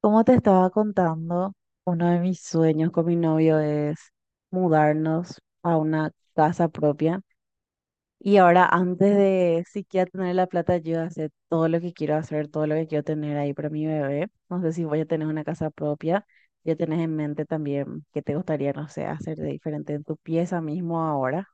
Como te estaba contando, uno de mis sueños con mi novio es mudarnos a una casa propia. Y ahora, antes de siquiera tener la plata, yo hacer todo lo que quiero hacer, todo lo que quiero tener ahí para mi bebé. No sé si voy a tener una casa propia. Ya tenés en mente también qué te gustaría, no sé, hacer de diferente en tu pieza mismo ahora.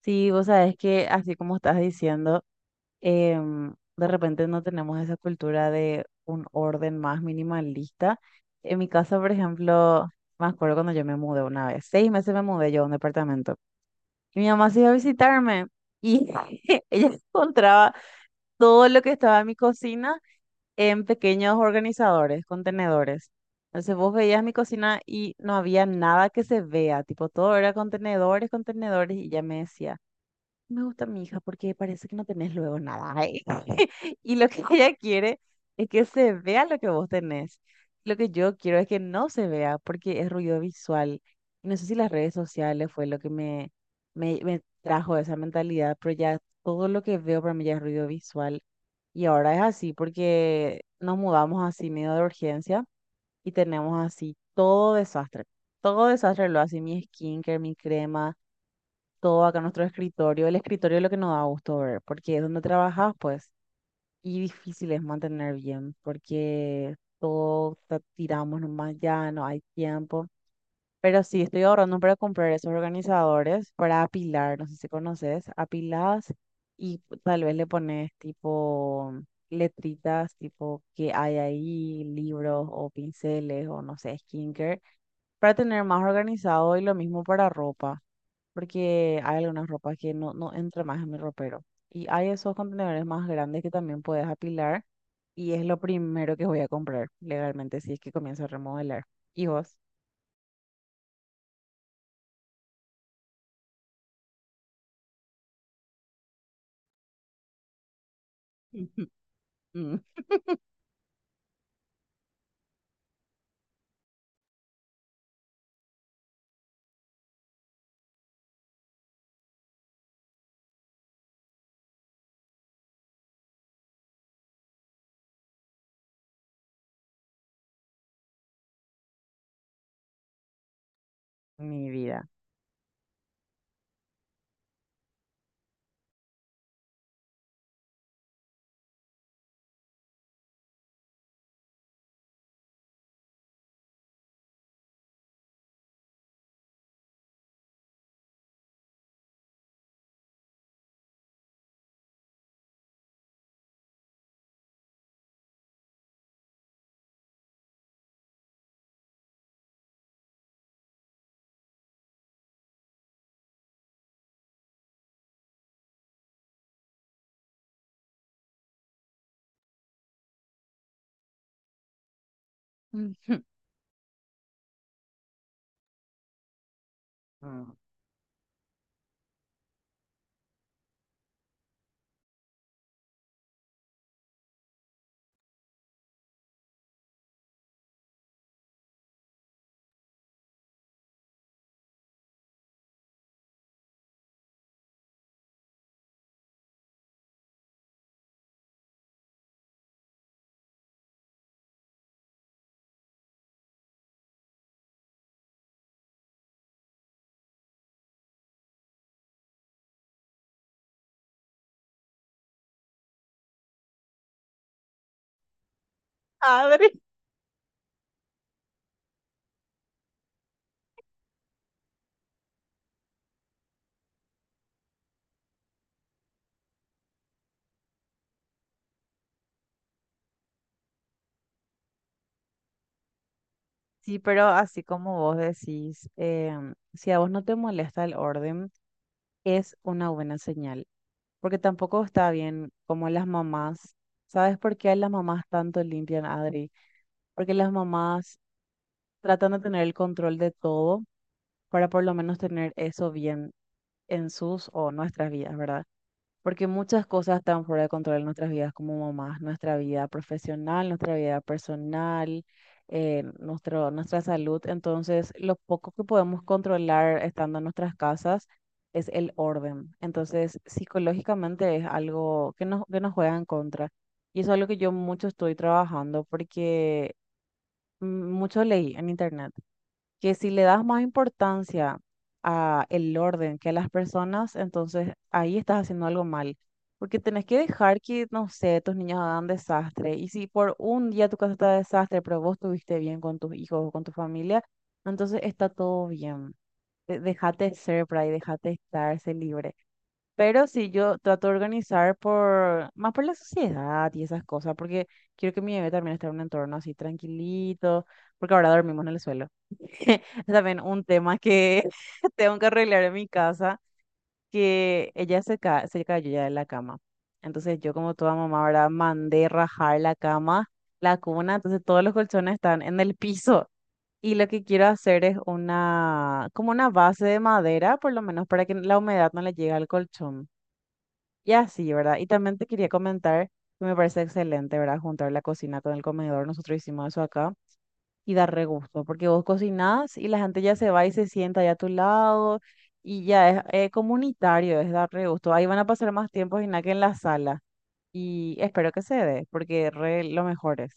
Sí, vos sabés que así como estás diciendo. De repente no tenemos esa cultura de un orden más minimalista. En mi casa, por ejemplo, me acuerdo cuando yo me mudé una vez, 6 meses me mudé yo a un departamento y mi mamá se iba a visitarme y ella encontraba todo lo que estaba en mi cocina en pequeños organizadores, contenedores. Entonces vos veías mi cocina y no había nada que se vea, tipo todo era contenedores, contenedores y ella me decía. Me gusta mi hija porque parece que no tenés luego nada. Ay. Y lo que ella quiere es que se vea lo que vos tenés. Lo que yo quiero es que no se vea porque es ruido visual. Y no sé si las redes sociales fue lo que me trajo esa mentalidad, pero ya todo lo que veo para mí ya es ruido visual. Y ahora es así porque nos mudamos así medio de urgencia y tenemos así todo desastre. Todo desastre lo hace mi skincare, mi crema todo acá en nuestro escritorio. El escritorio es lo que nos da gusto ver, porque es donde trabajas, pues, y difícil es mantener bien, porque todo tiramos nomás ya, no hay tiempo. Pero sí, estoy ahorrando para comprar esos organizadores para apilar, no sé si conoces, apiladas y tal vez le pones tipo letritas, tipo que hay ahí, libros o pinceles o no sé, skincare, para tener más organizado y lo mismo para ropa porque hay algunas ropas que no entra más en mi ropero. Y hay esos contenedores más grandes que también puedes apilar y es lo primero que voy a comprar legalmente si es que comienzo a remodelar. ¿Y vos? Mm, mi vida. Mm. Padre. Sí, pero así como vos decís, si a vos no te molesta el orden, es una buena señal, porque tampoco está bien como las mamás. ¿Sabes por qué las mamás tanto limpian, Adri? Porque las mamás tratan de tener el control de todo para por lo menos tener eso bien en sus o nuestras vidas, ¿verdad? Porque muchas cosas están fuera de control en nuestras vidas como mamás, nuestra vida profesional, nuestra vida personal, nuestro, nuestra salud. Entonces, lo poco que podemos controlar estando en nuestras casas es el orden. Entonces, psicológicamente es algo que que nos juega en contra. Y eso es algo que yo mucho estoy trabajando porque mm, mucho leí en internet que si le das más importancia a el orden que a las personas, entonces ahí estás haciendo algo mal. Porque tenés que dejar que, no sé, tus niños hagan desastre. Y si por un día tu casa está de desastre, pero vos estuviste bien con tus hijos o con tu familia, entonces está todo bien. Déjate ser por ahí, déjate estar, sé libre. Pero si yo trato de organizar más por la sociedad y esas cosas, porque quiero que mi bebé también esté en un entorno así tranquilito, porque ahora dormimos en el suelo. También un tema que tengo que arreglar en mi casa, que ella se cayó ya de la cama. Entonces yo como toda mamá, ¿verdad? Mandé rajar la cama, la cuna, entonces todos los colchones están en el piso. Y lo que quiero hacer es una, como una base de madera, por lo menos para que la humedad no le llegue al colchón. Y así, ¿verdad? Y también te quería comentar que me parece excelente, ¿verdad? Juntar la cocina con el comedor. Nosotros hicimos eso acá y da re gusto, porque vos cocinás y la gente ya se va y se sienta allá a tu lado y ya es, comunitario, es dar re gusto. Ahí van a pasar más tiempos y nada que en la sala y espero que se dé, porque re lo mejor es.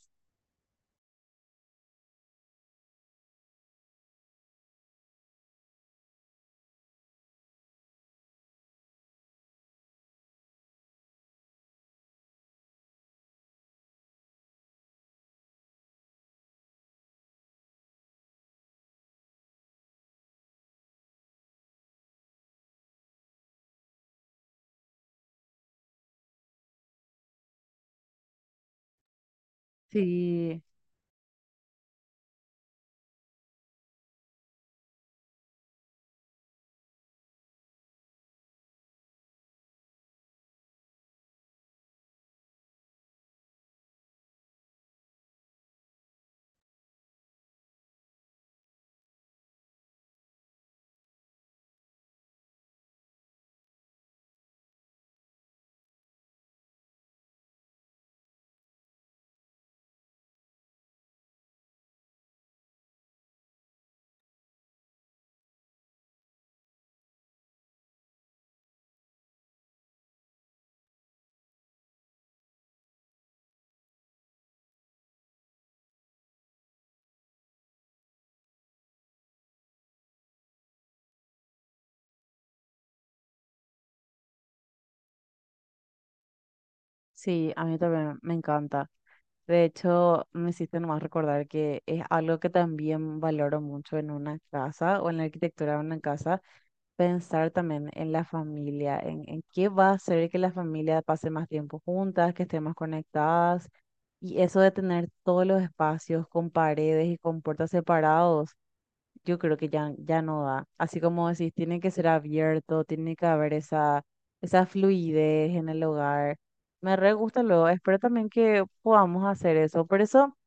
Sí, sí, a mí también me encanta. De hecho, me hiciste nomás recordar que es algo que también valoro mucho en una casa o en la arquitectura de una casa pensar también en la familia, en qué va a hacer que la familia pase más tiempo juntas, que estén más conectadas. Y eso de tener todos los espacios con paredes y con puertas separados, yo creo que ya no da. Así como decís, tiene que ser abierto, tiene que haber esa fluidez en el hogar. Me re gusta luego, espero también que podamos hacer eso. Por eso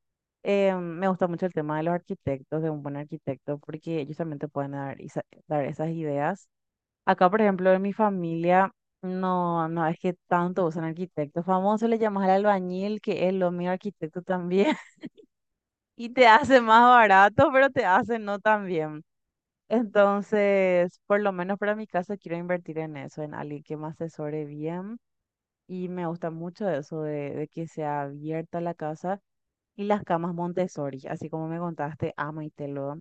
me gusta mucho el tema de los arquitectos, de un buen arquitecto, porque ellos también te pueden dar esas ideas. Acá, por ejemplo, en mi familia, no es que tanto usan arquitectos. Famoso le llamas al albañil, que es lo mío arquitecto también, y te hace más barato, pero te hace no tan bien. Entonces, por lo menos para mi caso, quiero invertir en eso, en alguien que me asesore bien. Y me gusta mucho eso de que sea abierta la casa y las camas Montessori, así como me contaste, amo y te lo.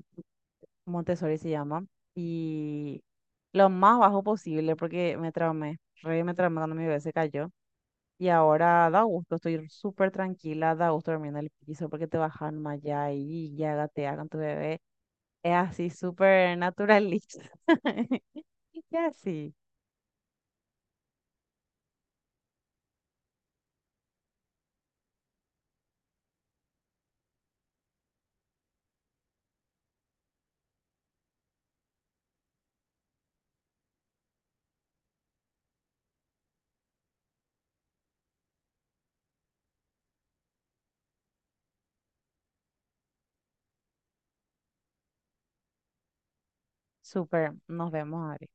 Montessori se llama, y lo más bajo posible porque me traumé, re me traumé cuando mi bebé se cayó. Y ahora da gusto, estoy súper tranquila, da gusto dormir en el piso porque te bajan más allá y ya gatea con tu bebé. Es así, súper naturalista. Y así, súper, nos vemos, Ari.